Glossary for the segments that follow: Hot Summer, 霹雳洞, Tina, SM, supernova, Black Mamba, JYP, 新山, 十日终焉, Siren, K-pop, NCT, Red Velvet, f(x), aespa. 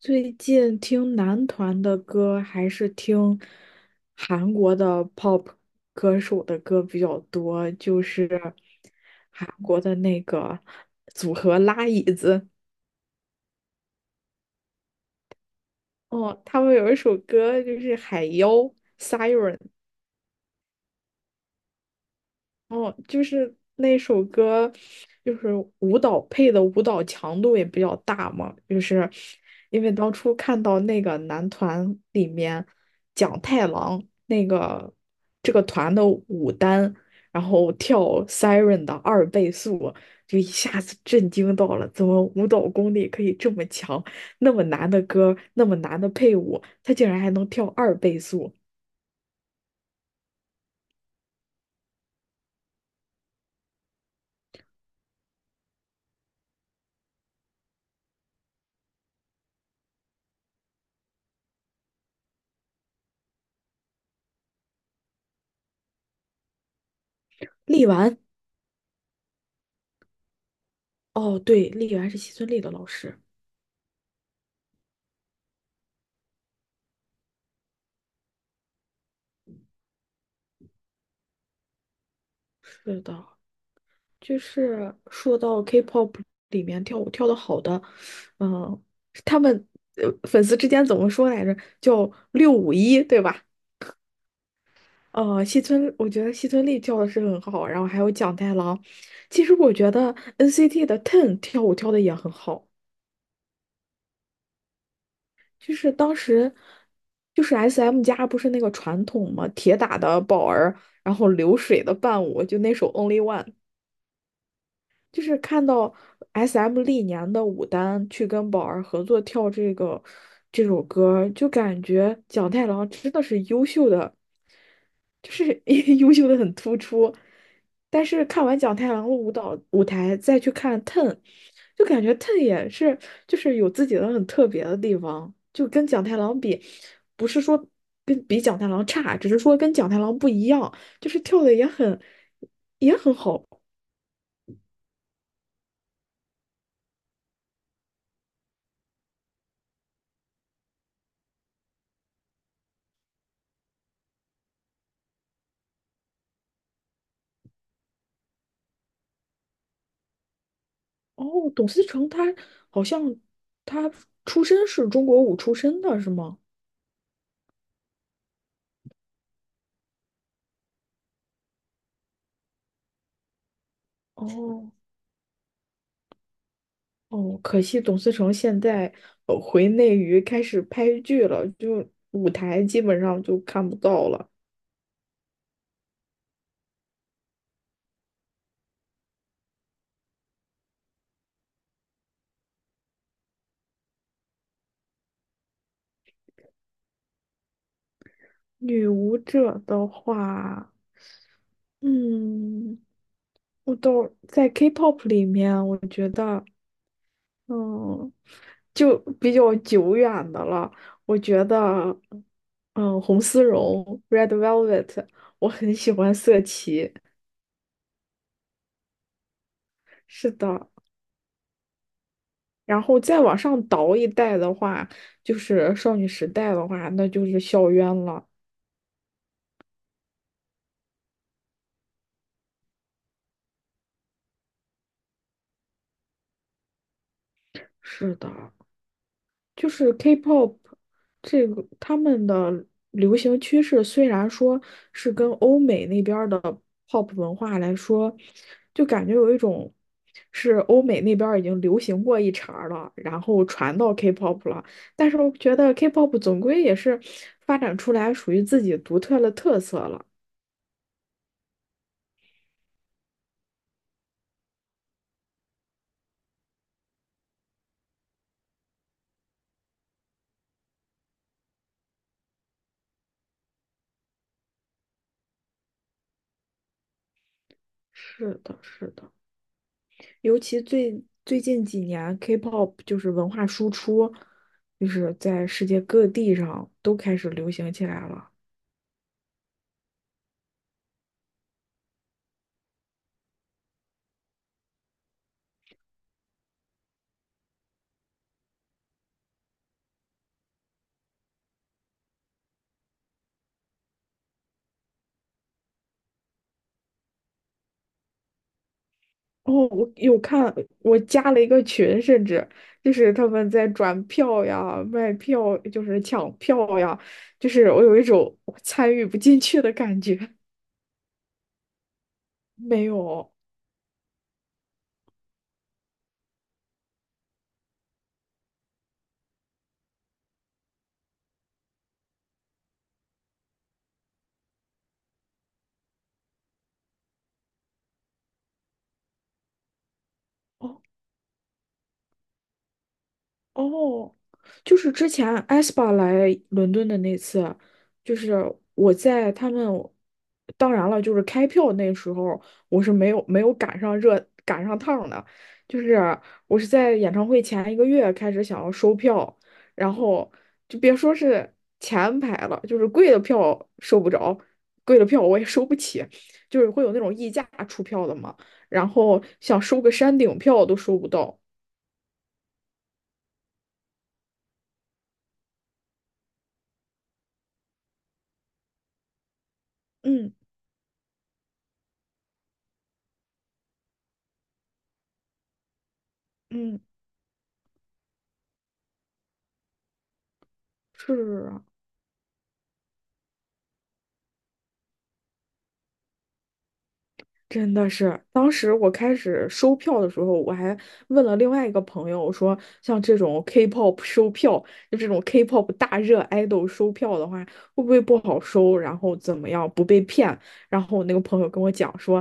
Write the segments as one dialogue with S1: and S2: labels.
S1: 最近听男团的歌还是听韩国的 pop 歌手的歌比较多，就是韩国的那个组合拉椅子。哦，他们有一首歌就是《海妖》Siren。哦，就是那首歌，就是舞蹈配的舞蹈强度也比较大嘛，就是因为当初看到那个男团里面蒋太郎那个这个团的舞担，然后跳 Siren 的二倍速，就一下子震惊到了，怎么舞蹈功力可以这么强？那么难的歌，那么难的配舞，他竟然还能跳二倍速。力丸，哦，对，力丸是西村力的老师，是的。就是说到 K-pop 里面跳舞跳的好的，嗯，他们粉丝之间怎么说来着？叫651，对吧？西村，我觉得西村丽跳的是很好，然后还有蒋太郎。其实我觉得 NCT 的 TEN 跳舞跳的也很好，就是当时就是 SM 家不是那个传统嘛，铁打的宝儿，然后流水的伴舞，就那首 Only One。就是看到 SM 历年的舞担去跟宝儿合作跳这首歌，就感觉蒋太郎真的是优秀的，就是 优秀的很突出。但是看完蒋太郎的舞蹈舞台，再去看 TEN，就感觉 TEN 也是就是有自己的很特别的地方，就跟蒋太郎比，不是说比蒋太郎差，只是说跟蒋太郎不一样，就是跳的也很好。哦，董思成他好像他出身是中国舞出身的，是吗？哦哦，可惜董思成现在回内娱开始拍剧了，就舞台基本上就看不到了。女舞者的话，嗯，我都在 K-pop 里面，我觉得。嗯，就比较久远的了。我觉得，红丝绒 （Red Velvet），我很喜欢色琪。是的，然后再往上倒一代的话，就是少女时代的话，那就是校园了。是的，就是 K-pop 这个他们的流行趋势，虽然说是跟欧美那边儿的 pop 文化来说，就感觉有一种是欧美那边儿已经流行过一茬儿了，然后传到 K-pop 了。但是我觉得 K-pop 总归也是发展出来属于自己独特的特色了。是的，是的。尤其最近几年，K-pop 就是文化输出，就是在世界各地上都开始流行起来了。哦，我有看，我加了一个群，甚至就是他们在转票呀、卖票，就是抢票呀，就是我有一种我参与不进去的感觉。没有，哦，哦，就是之前 aespa 来伦敦的那次，就是我在他们，当然了，就是开票那时候我是没有赶上趟的，就是我是在演唱会前一个月开始想要收票，然后就别说是前排了，就是贵的票收不着，贵的票我也收不起，就是会有那种溢价出票的嘛，然后想收个山顶票都收不到，嗯嗯。是啊。真的是，当时我开始收票的时候，我还问了另外一个朋友，我说像这种 K-pop 收票，就这种 K-pop 大热 idol 收票的话，会不会不好收？然后怎么样不被骗？然后我那个朋友跟我讲说，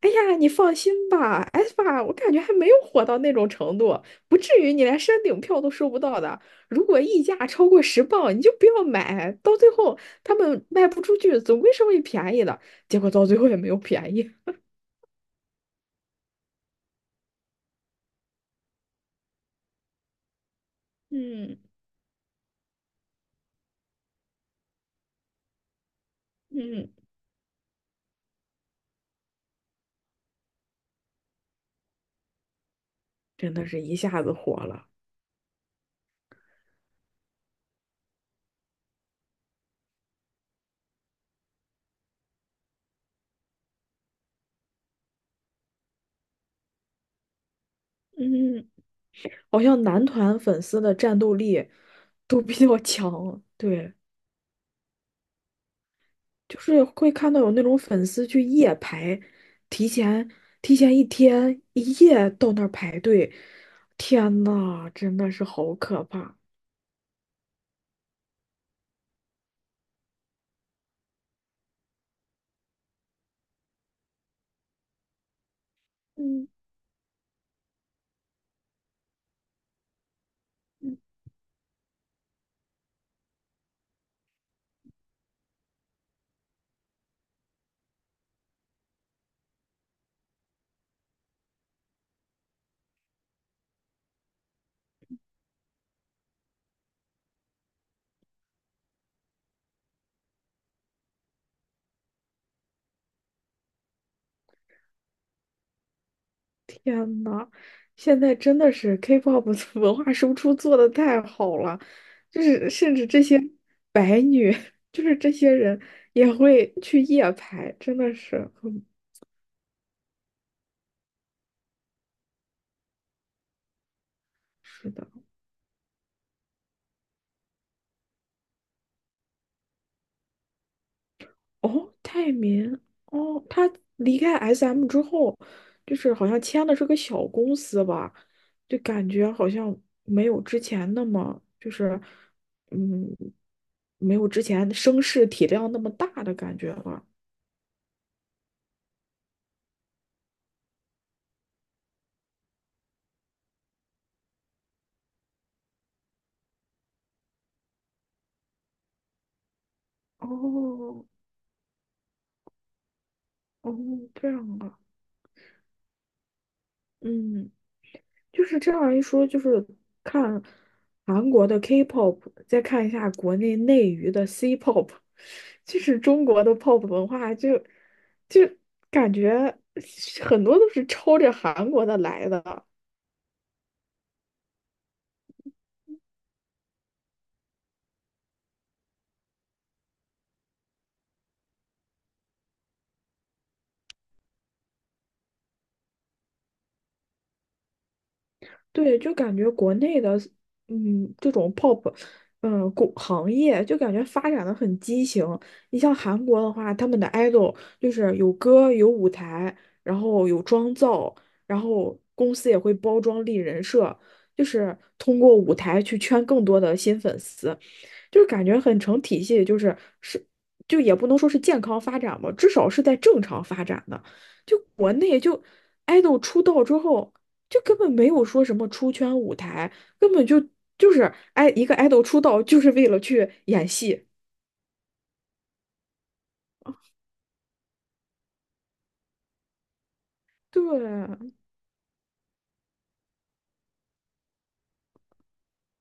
S1: 哎呀，你放心吧 s p 我感觉还没有火到那种程度，不至于你连山顶票都收不到的。如果溢价超过10磅，你就不要买，到最后他们卖不出去，总归是会便宜的。结果到最后也没有便宜。嗯嗯。真的是一下子火了。嗯，好像男团粉丝的战斗力都比较强，对，就是会看到有那种粉丝去夜排，提前提前一天一夜到那儿排队，天呐，真的是好可怕。嗯，天呐，现在真的是 K-pop 的 文化输出做的太好了，就是甚至这些白女，就是这些人也会去夜排，真的是很是的。哦，泰民，哦，他离开 SM 之后，就是好像签的是个小公司吧，就感觉好像没有之前那么就是嗯，没有之前声势体量那么大的感觉了。哦，哦，这样啊，嗯，就是这样一说，就是看韩国的 K-pop，再看一下国内内娱的 C-pop，就是中国的 pop 文化就感觉很多都是抄着韩国的来的。对，就感觉国内的，这种 pop,国行业就感觉发展的很畸形。你像韩国的话，他们的 idol 就是有歌、有舞台，然后有妆造，然后公司也会包装立人设，就是通过舞台去圈更多的新粉丝。就感觉很成体系，就是，就也不能说是健康发展吧，至少是在正常发展的。就国内就 idol 出道之后，就根本没有说什么出圈舞台，根本就是爱一个 idol 出道就是为了去演戏。对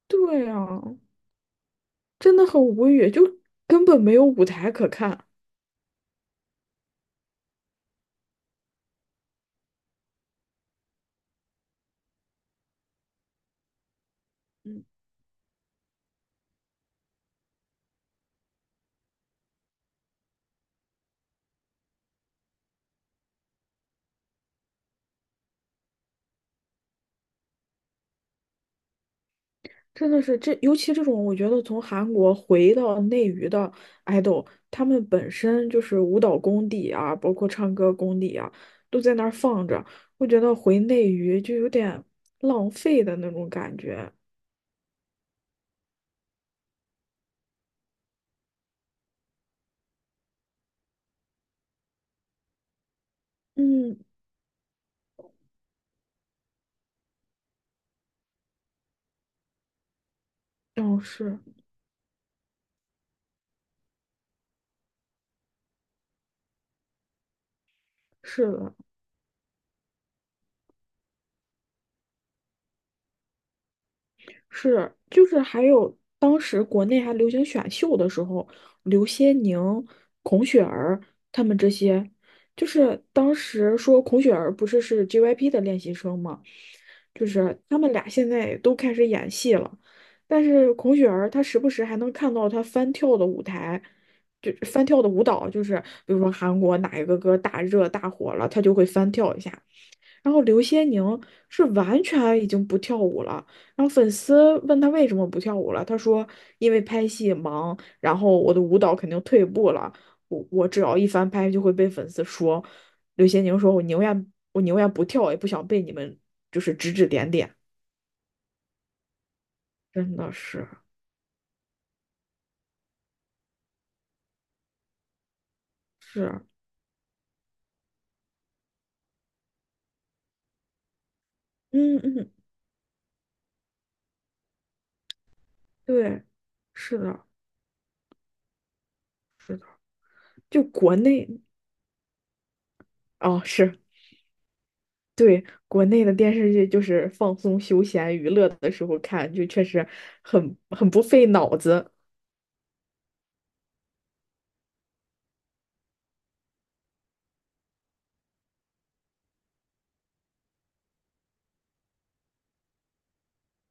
S1: 对啊，真的很无语，就根本没有舞台可看。真的是这，尤其这种，我觉得从韩国回到内娱的 idol，他们本身就是舞蹈功底啊，包括唱歌功底啊，都在那儿放着。我觉得回内娱就有点浪费的那种感觉。嗯，哦，是是的，是就是还有当时国内还流行选秀的时候，刘些宁、孔雪儿他们这些，就是当时说孔雪儿不是是 JYP 的练习生吗？就是他们俩现在都开始演戏了，但是孔雪儿她时不时还能看到她翻跳的舞台，就翻跳的舞蹈，就是比如说韩国哪一个歌大热大火了，她就会翻跳一下。然后刘些宁是完全已经不跳舞了。然后粉丝问他为什么不跳舞了，他说因为拍戏忙，然后我的舞蹈肯定退步了，我只要一翻拍就会被粉丝说。刘些宁说，我宁愿不跳，也不想被你们就是指指点点。真的是是啊，嗯嗯，对，是的，是的，就国内哦，是。对，国内的电视剧就是放松、休闲、娱乐的时候看，就确实很不费脑子。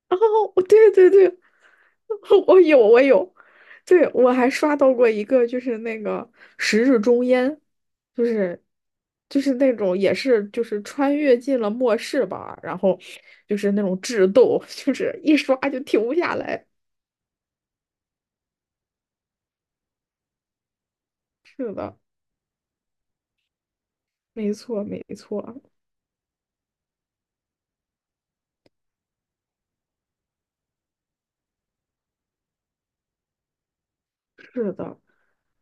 S1: 哦，对对对，我有我有，对我还刷到过一个，就是那个《十日终焉》，就是就是那种也是就是穿越进了末世吧，然后就是那种智斗，就是一刷就停不下来。是的，没错没错，是的。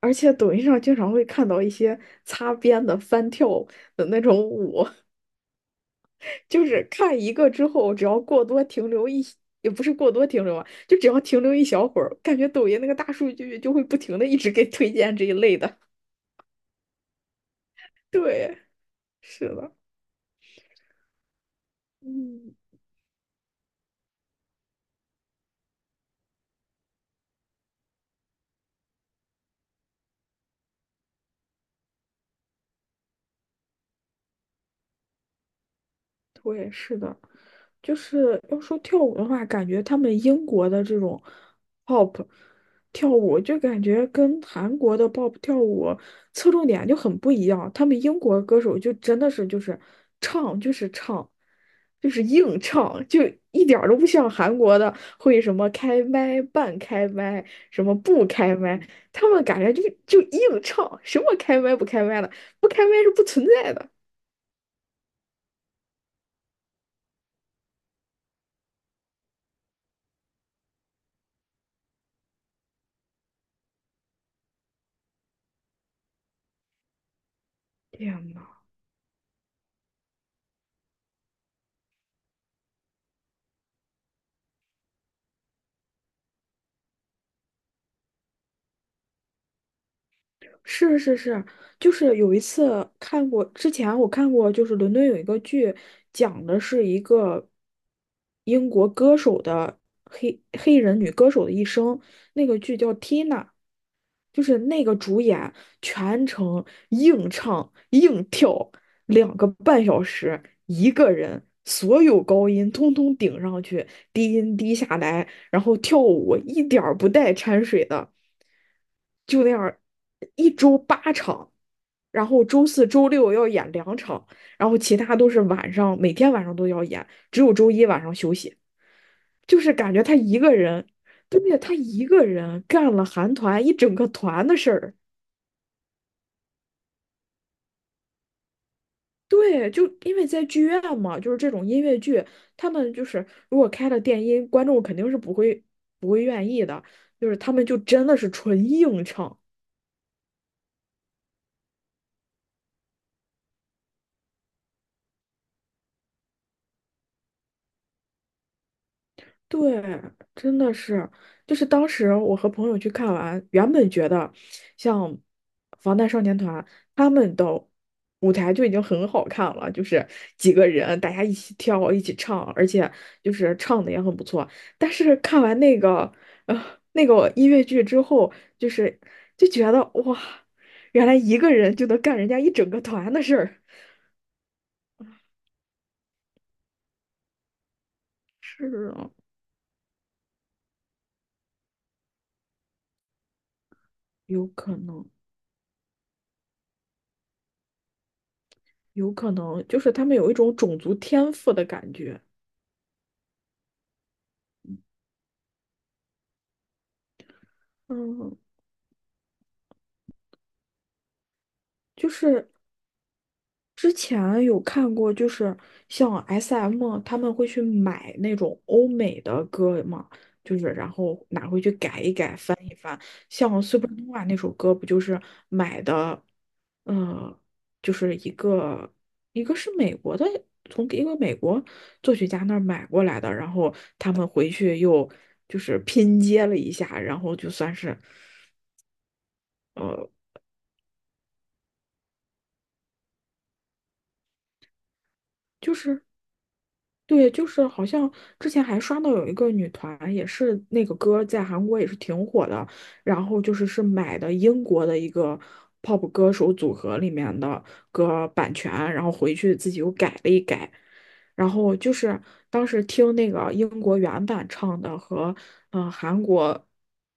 S1: 而且抖音上经常会看到一些擦边的翻跳的那种舞，就是看一个之后，只要过多停留一，也不是过多停留啊，就只要停留一小会儿，感觉抖音那个大数据就会不停的一直给推荐这一类的。对，是的，嗯。我也是的，就是要说跳舞的话，感觉他们英国的这种 pop 跳舞，就感觉跟韩国的 pop 跳舞侧重点就很不一样。他们英国歌手就真的是就是唱就是唱，就是硬唱，就一点儿都不像韩国的会什么开麦、半开麦、什么不开麦。他们感觉就硬唱，什么开麦不开麦的，不开麦是不存在的。天呐！是是是，就是有一次看过，之前我看过，就是伦敦有一个剧，讲的是一个英国歌手的黑人女歌手的一生，那个剧叫《Tina》。就是那个主演全程硬唱硬跳2个半小时，一个人所有高音通通顶上去，低音低下来，然后跳舞一点儿不带掺水的，就那样一周八场。然后周四周六要演两场，然后其他都是晚上，每天晚上都要演，只有周一晚上休息。就是感觉他一个人，对，他一个人干了韩团一整个团的事儿。对，就因为在剧院嘛，就是这种音乐剧，他们就是如果开了电音，观众肯定是不会愿意的，就是他们就真的是纯硬唱。对，真的是，就是当时我和朋友去看完，原本觉得像防弹少年团他们的舞台就已经很好看了，就是几个人大家一起跳、一起唱，而且就是唱的也很不错。但是看完那个呃那个音乐剧之后，就是就觉得哇，原来一个人就能干人家一整个团的事儿。是啊，有可能，有可能，就是他们有一种种族天赋的感觉。嗯，就是之前有看过，就是像 SM 他们会去买那种欧美的歌嘛，就是然后拿回去改一改。像 s u p e r n o 那首歌不就是买的，嗯，就是一个是美国的，从一个美国作曲家那儿买过来的，然后他们回去又就是拼接了一下，然后就算是。呃就是对，就是好像之前还刷到有一个女团，也是那个歌在韩国也是挺火的，然后就是是买的英国的一个 pop 歌手组合里面的歌版权，然后回去自己又改了一改，然后就是当时听那个英国原版唱的和韩国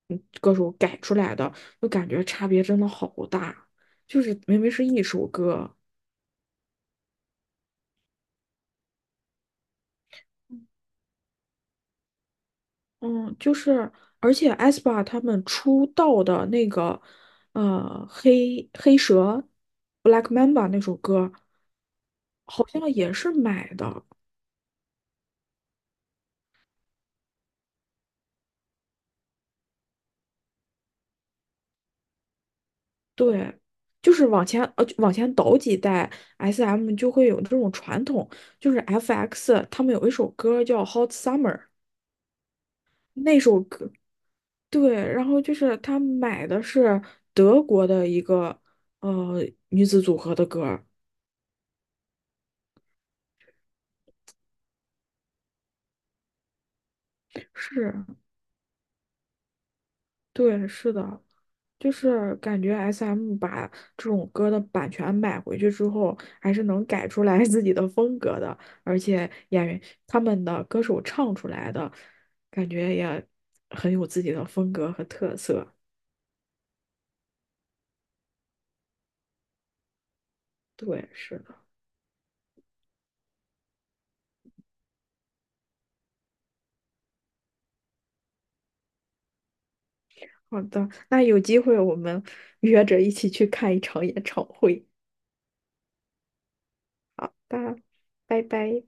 S1: 歌手改出来的，就感觉差别真的好大，就是明明是一首歌。嗯，就是，而且 aespa 他们出道的那个，黑黑蛇 Black Mamba 那首歌，好像也是买的。对，就是往前倒几代，SM 就会有这种传统，就是 FX 他们有一首歌叫《Hot Summer》。那首歌对，然后就是他买的是德国的一个呃女子组合的歌儿，是。对，是的，就是感觉 SM 把这种歌的版权买回去之后，还是能改出来 自己的风格的，而且演员他们的歌手唱出来的，感觉也很有自己的风格和特色。对，是的，好的，那有机会我们约着一起去看一场演唱会。吧。拜拜。